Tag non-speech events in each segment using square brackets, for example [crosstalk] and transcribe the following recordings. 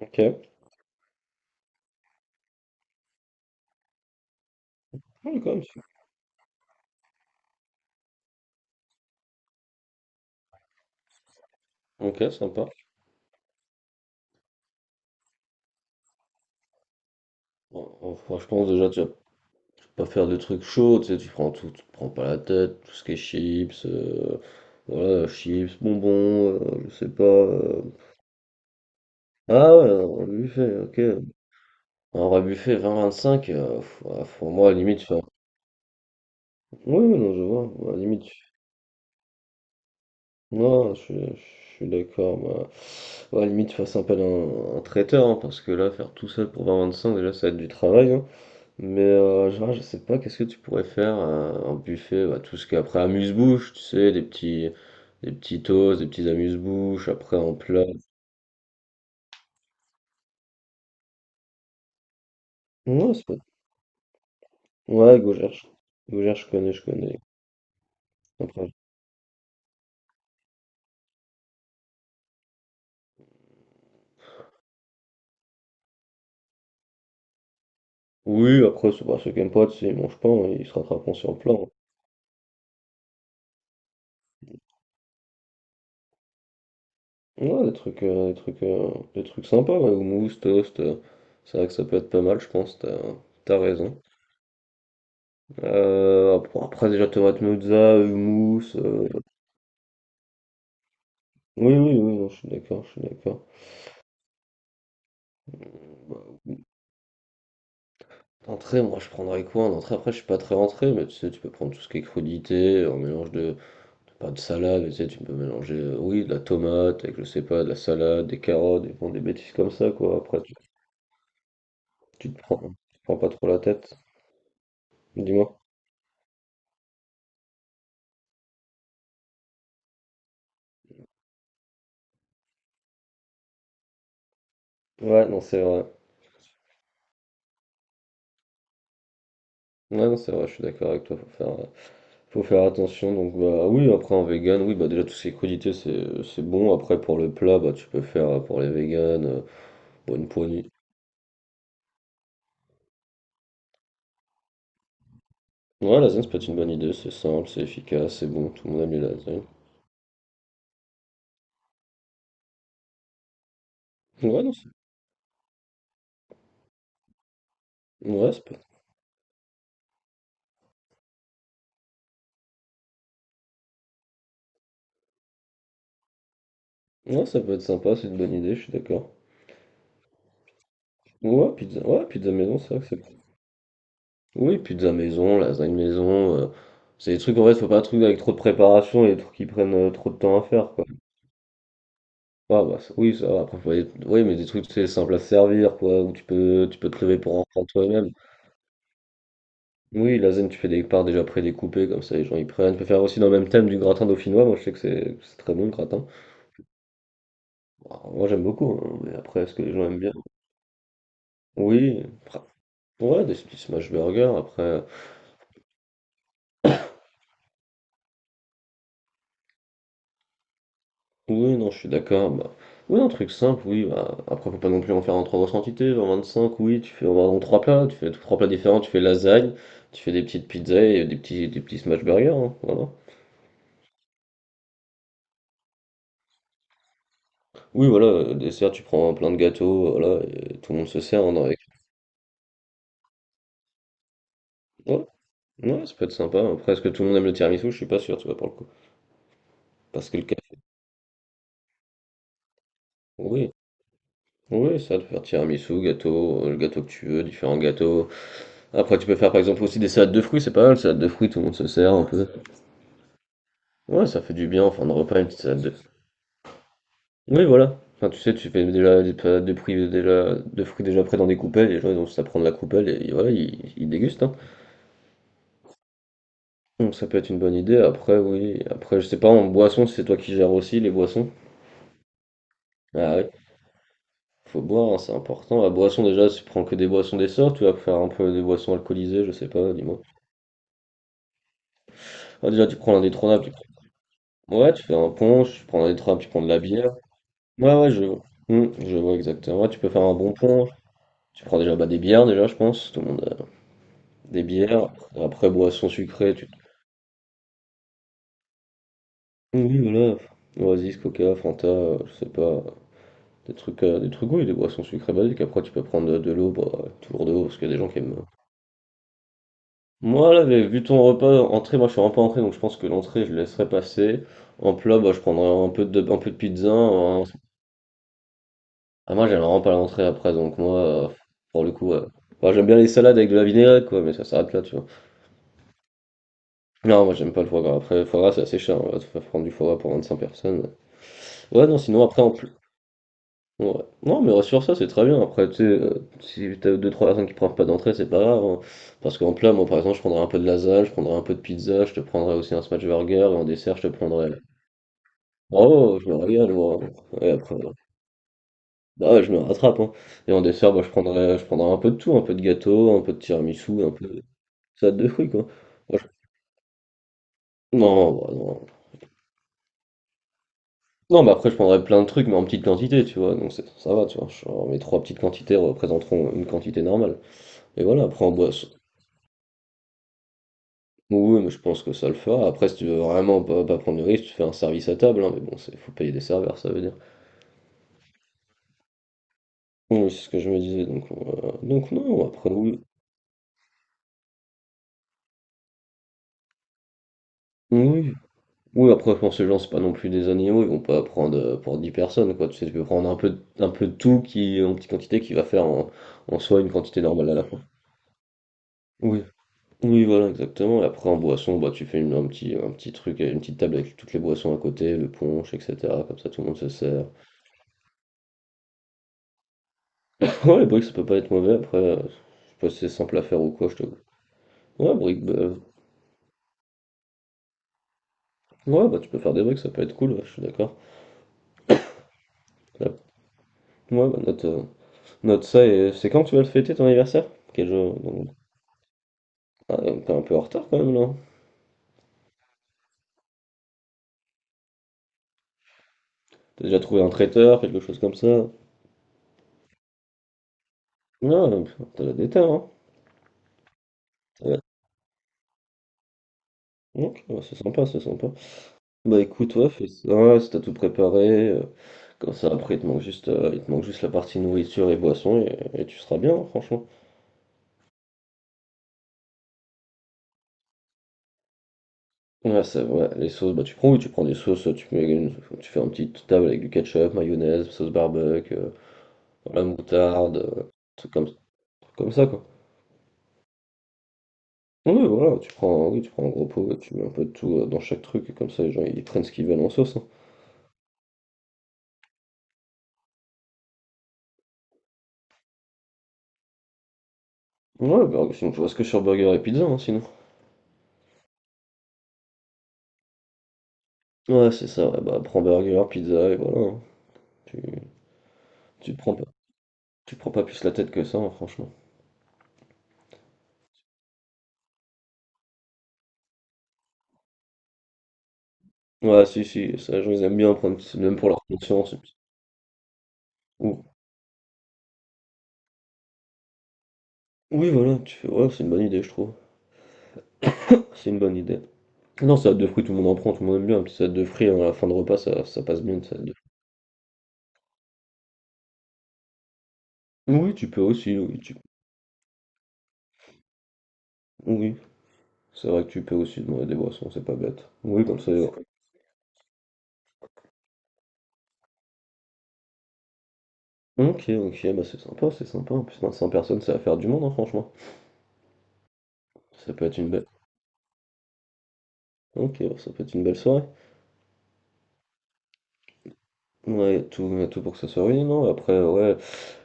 Ok. Ah, quand même, c'est- Ok, sympa. Bon, bon, franchement, déjà, tu vas pas faire de trucs chauds, tu sais, tu prends tout, tu te prends pas la tête, tout ce qui est chips, voilà, chips, bonbons, je sais pas. Ah ouais, un vrai buffet, ok. Un vrai buffet 20-25, pff, ouais, pour moi, à la limite, enfin. Oui, oui, non, je vois, à la limite. Non, je suis d'accord, bah, ouais, à la limite, fasse appel à un traiteur, hein, parce que là, faire tout seul pour 20-25, déjà, ça va être du travail. Mais genre, je sais pas, qu'est-ce que tu pourrais faire un buffet, bah, tout ce qui est après amuse-bouche, tu sais, des petits toasts, des petits amuse-bouches, après en plat. Ouais, c'est pas... ouais, Gaugère, je connais, je connais. Après, oui, après, c'est pas ceux qui aiment pas, tu sais, ils mangent pas, hein, ils se rattraperont sur le plat. Hein. Ouais, des trucs, des trucs, des trucs sympas, ouais, ou mousse, toast, c'est vrai que ça peut être pas mal, je pense, t'as, t'as raison. Après, après, déjà, tomate mozza, hummus, oui, oui, oui, non, je suis d'accord, je suis d'accord. Entrée, moi je prendrais quoi en entrée? Après, je suis pas très entrée, mais tu sais, tu peux prendre tout ce qui est crudité, un mélange de, pas de salade, mais tu sais, tu peux mélanger, oui, de la tomate, avec je sais pas, de la salade, des carottes, des, bon, des bêtises comme ça, quoi. Après, tu, tu te prends, tu te prends pas trop la tête, dis-moi. Ouais, non, c'est vrai. Ouais, non, c'est vrai, je suis d'accord avec toi, faut faire attention. Donc, bah oui, après en vegan, oui, bah déjà, tout ce qui est crudité, c'est bon. Après, pour le plat, bah tu peux faire pour les véganes, bonne poignée. Ouais, lasagne, ça peut être une bonne idée, c'est simple, c'est efficace, c'est bon, tout le monde aime les lasagnes. Ouais, non, c'est- ouais, ça peut... ouais, ça peut être sympa, c'est une bonne idée, je suis d'accord. Ouais, pizza maison, c'est vrai que c'est cool. Oui, pizza maison, lasagne maison. C'est des trucs, en fait, faut pas un truc avec trop de préparation et des trucs qui prennent trop de temps à faire, quoi. Ah, bah, ça- oui, ça va. Après, faut aller- oui, mais des trucs, c'est simple à servir, quoi, où tu peux te lever pour en prendre toi-même. Oui, lasagne, tu fais des parts déjà prédécoupées, comme ça, les gens y prennent. Tu peux faire aussi dans le même thème du gratin dauphinois, moi, je sais que c'est très bon, le gratin. Alors, moi, j'aime beaucoup, hein, mais après, est-ce que les gens aiment bien? Oui. Ouais, des petits smash burgers, après. Oui, non, je suis d'accord. Bah... Oui, un truc simple, oui. Bah... Après, faut pas non plus en faire en trop grosse quantité. En 25, oui, tu fais en trois plats, tu fais trois plats différents, tu fais lasagne, tu fais des petites pizzas et des petits smash burgers. Hein, voilà. Oui, voilà, dessert, tu prends plein de gâteaux, voilà, et tout le monde se sert. Hein, avec... ouais, ouais, ça peut être sympa. Après, est-ce que tout le monde aime le tiramisu? Je suis pas sûr, tu vois, pour le coup. Parce que le café. Oui, oui, ça, de faire tiramisu, gâteau, le gâteau que tu veux, différents gâteaux. Après, tu peux faire par exemple aussi des salades de fruits, c'est pas mal, salade de fruits, tout le monde se sert un peu. Ouais, ça fait du bien en fin de repas, une petite salade de. Oui, voilà. Enfin, tu sais, tu fais déjà des salades de fruits déjà prêts dans des coupelles, les gens ils ont juste à prendre la coupelle et voilà, ils dégustent. Hein. Donc ça peut être une bonne idée. Après, oui. Après, je sais pas, en boisson, si c'est toi qui gères aussi les boissons. Ah oui, faut boire, hein, c'est important. La boisson, déjà, tu prends que des boissons des sorts, tu vas faire un peu des boissons alcoolisées, je sais pas, dis-moi. Ah, déjà, tu prends l'indétrônable, tu prends- Ouais, tu fais un punch, tu prends l'indétrônable, tu prends de la bière. Ouais, ouais, je vois. Hmm, je vois exactement. Ouais, tu peux faire un bon pont. Tu prends déjà bah, des bières, déjà, je pense. Tout le monde a des bières. Après, boissons sucrées. Tu... Oui, voilà. Oasis, Coca, Fanta, je sais pas. Des trucs, oui, des boissons sucrées basiques. Après, tu peux prendre de l'eau, bah, toujours de l'eau, parce qu'il y a des gens qui aiment. Moi, là, j'ai vu ton repas, entrée, moi, je suis vraiment pas entrée, donc je pense que l'entrée, je laisserai passer. En plat, bah, je prendrai un peu de pizza, un Ah, moi, j'aime vraiment pas l'entrée après, donc moi, euh, pour le coup, moi, j'aime bien les salades avec de la vinaigrette, quoi, mais ça s'arrête là, tu vois. Non, moi, j'aime pas le foie gras. Après, le foie gras, c'est assez cher, on va te faire prendre du foie gras pour 25 personnes. Ouais, non, sinon, après, en plus. Ouais. Non, mais sur ça, c'est très bien. Après, tu sais, si t'as deux trois personnes qui prennent pas d'entrée, c'est pas grave. Hein. Parce qu'en plat, moi, par exemple, je prendrais un peu de lasagne, je prendrais un peu de pizza, je te prendrais aussi un smash burger, et en dessert, je te prendrais. Oh, je me régale, moi. Hein. Et après. Ah ouais, je me rattrape, hein. Et en dessert, bah, je prendrais un peu de tout, un peu de gâteau, un peu de tiramisu, un peu de salade de fruits, quoi. Moi, je- Non, bah, non. Non, mais après, je prendrais plein de trucs, mais en petite quantité, tu vois. Donc, c'est- ça va, tu vois. Genre, mes trois petites quantités représenteront une quantité normale. Et voilà, après, en boisson. Oui, mais je pense que ça le fera. Après, si tu veux vraiment pas, pas prendre de risque, tu fais un service à table, hein. Mais bon, c'est, faut payer des serveurs, ça veut dire. Oui, c'est ce que je me disais. Donc non, après, oui. Oui, oui, après, je pense que les gens, c'est pas non plus des animaux, ils vont pas prendre pour 10 personnes, quoi. Tu sais, tu peux prendre un peu de tout qui, en petite quantité qui va faire en, en soi une quantité normale à la fois. Oui, oui, voilà, exactement. Et après, en boisson, bah, tu fais une, un petit truc, une petite table avec toutes les boissons à côté, le punch, etc. Comme ça, tout le monde se sert. [laughs] Ouais, les briques, ça peut pas être mauvais. Après, je sais pas si c'est simple à faire ou quoi, je te. Ouais, briques, bah, ouais, bah, tu peux faire des briques, ça peut être cool, ouais, je suis d'accord. Ouais, bah, note, note ça et c'est quand tu vas le fêter ton anniversaire? Quel jour? Ah, t'es un peu en retard quand même là. T'as déjà trouvé un traiteur, quelque chose comme ça. Non, t'as la déter, hein. T'as la- Ok, ouais, c'est sympa, c'est sympa. Bah écoute, ouais, fais ça, ouais, si t'as tout préparé, comme ça après il te manque juste, il te manque juste la partie nourriture et boisson et tu seras bien, hein, franchement. Ouais, c'est vrai, les sauces, bah tu prends où? Tu prends des sauces, tu mets une- tu fais une petite table avec du ketchup, mayonnaise, sauce barbecue, la moutarde, truc comme ça quoi. Oui, voilà, tu prends, oui, tu prends un gros pot, tu mets un peu de tout dans chaque truc, et comme ça les gens ils prennent ce qu'ils veulent en sauce. Hein. Ouais, bah, sinon tu reste que sur burger et pizza, hein, sinon. Ouais, c'est ça, ouais, bah prends burger, pizza, et voilà. hein. Tu, tu te prends pas, tu te prends pas plus la tête que ça, hein, franchement. Ouais, si, si, ça, les gens ils aiment bien prendre, c'est même pour leur conscience. Et puis- Ou- Oui, voilà, tu fais, ouais, c'est une bonne idée, je trouve. C'est une bonne idée. Non, salade de fruits, tout le monde en prend, tout le monde aime bien, un petit salade de fruits, hein, à la fin de repas, ça passe bien, une salade de fruits. Oui, tu peux aussi, oui, tu... oui. C'est vrai que tu peux aussi demander des boissons, c'est pas bête. Oui, comme ça. C'est cool. Ok, ok, bah c'est sympa, c'est sympa. En plus, 25 personnes, ça va faire du monde, hein, franchement. Ça peut être une belle. Ok, bah, ça peut être une belle soirée. Ouais, y a tout pour que ça soit oui, non. Après, ouais,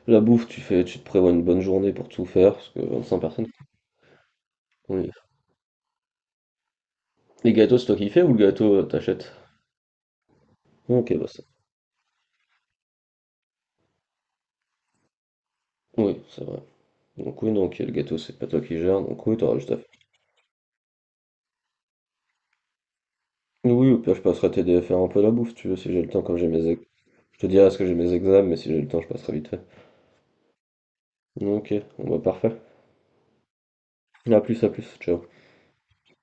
la bouffe, tu fais, tu te prévois une bonne journée pour tout faire, parce que 25 personnes. Oui. Les gâteaux, c'est toi qui fais ou le gâteau, t'achètes? Ok, bah ça. Oui, c'est vrai. Donc oui, donc le gâteau, c'est pas toi qui gère, donc oui, t'auras juste à faire. Oui, au pire, je passerai t'aider à faire un peu la bouffe, si tu veux, si j'ai le temps, comme j'ai mes ex... Je te dirai ce que j'ai mes examens, mais si j'ai le temps, je passerai vite fait. Ok, bon bah parfait. À plus, ciao.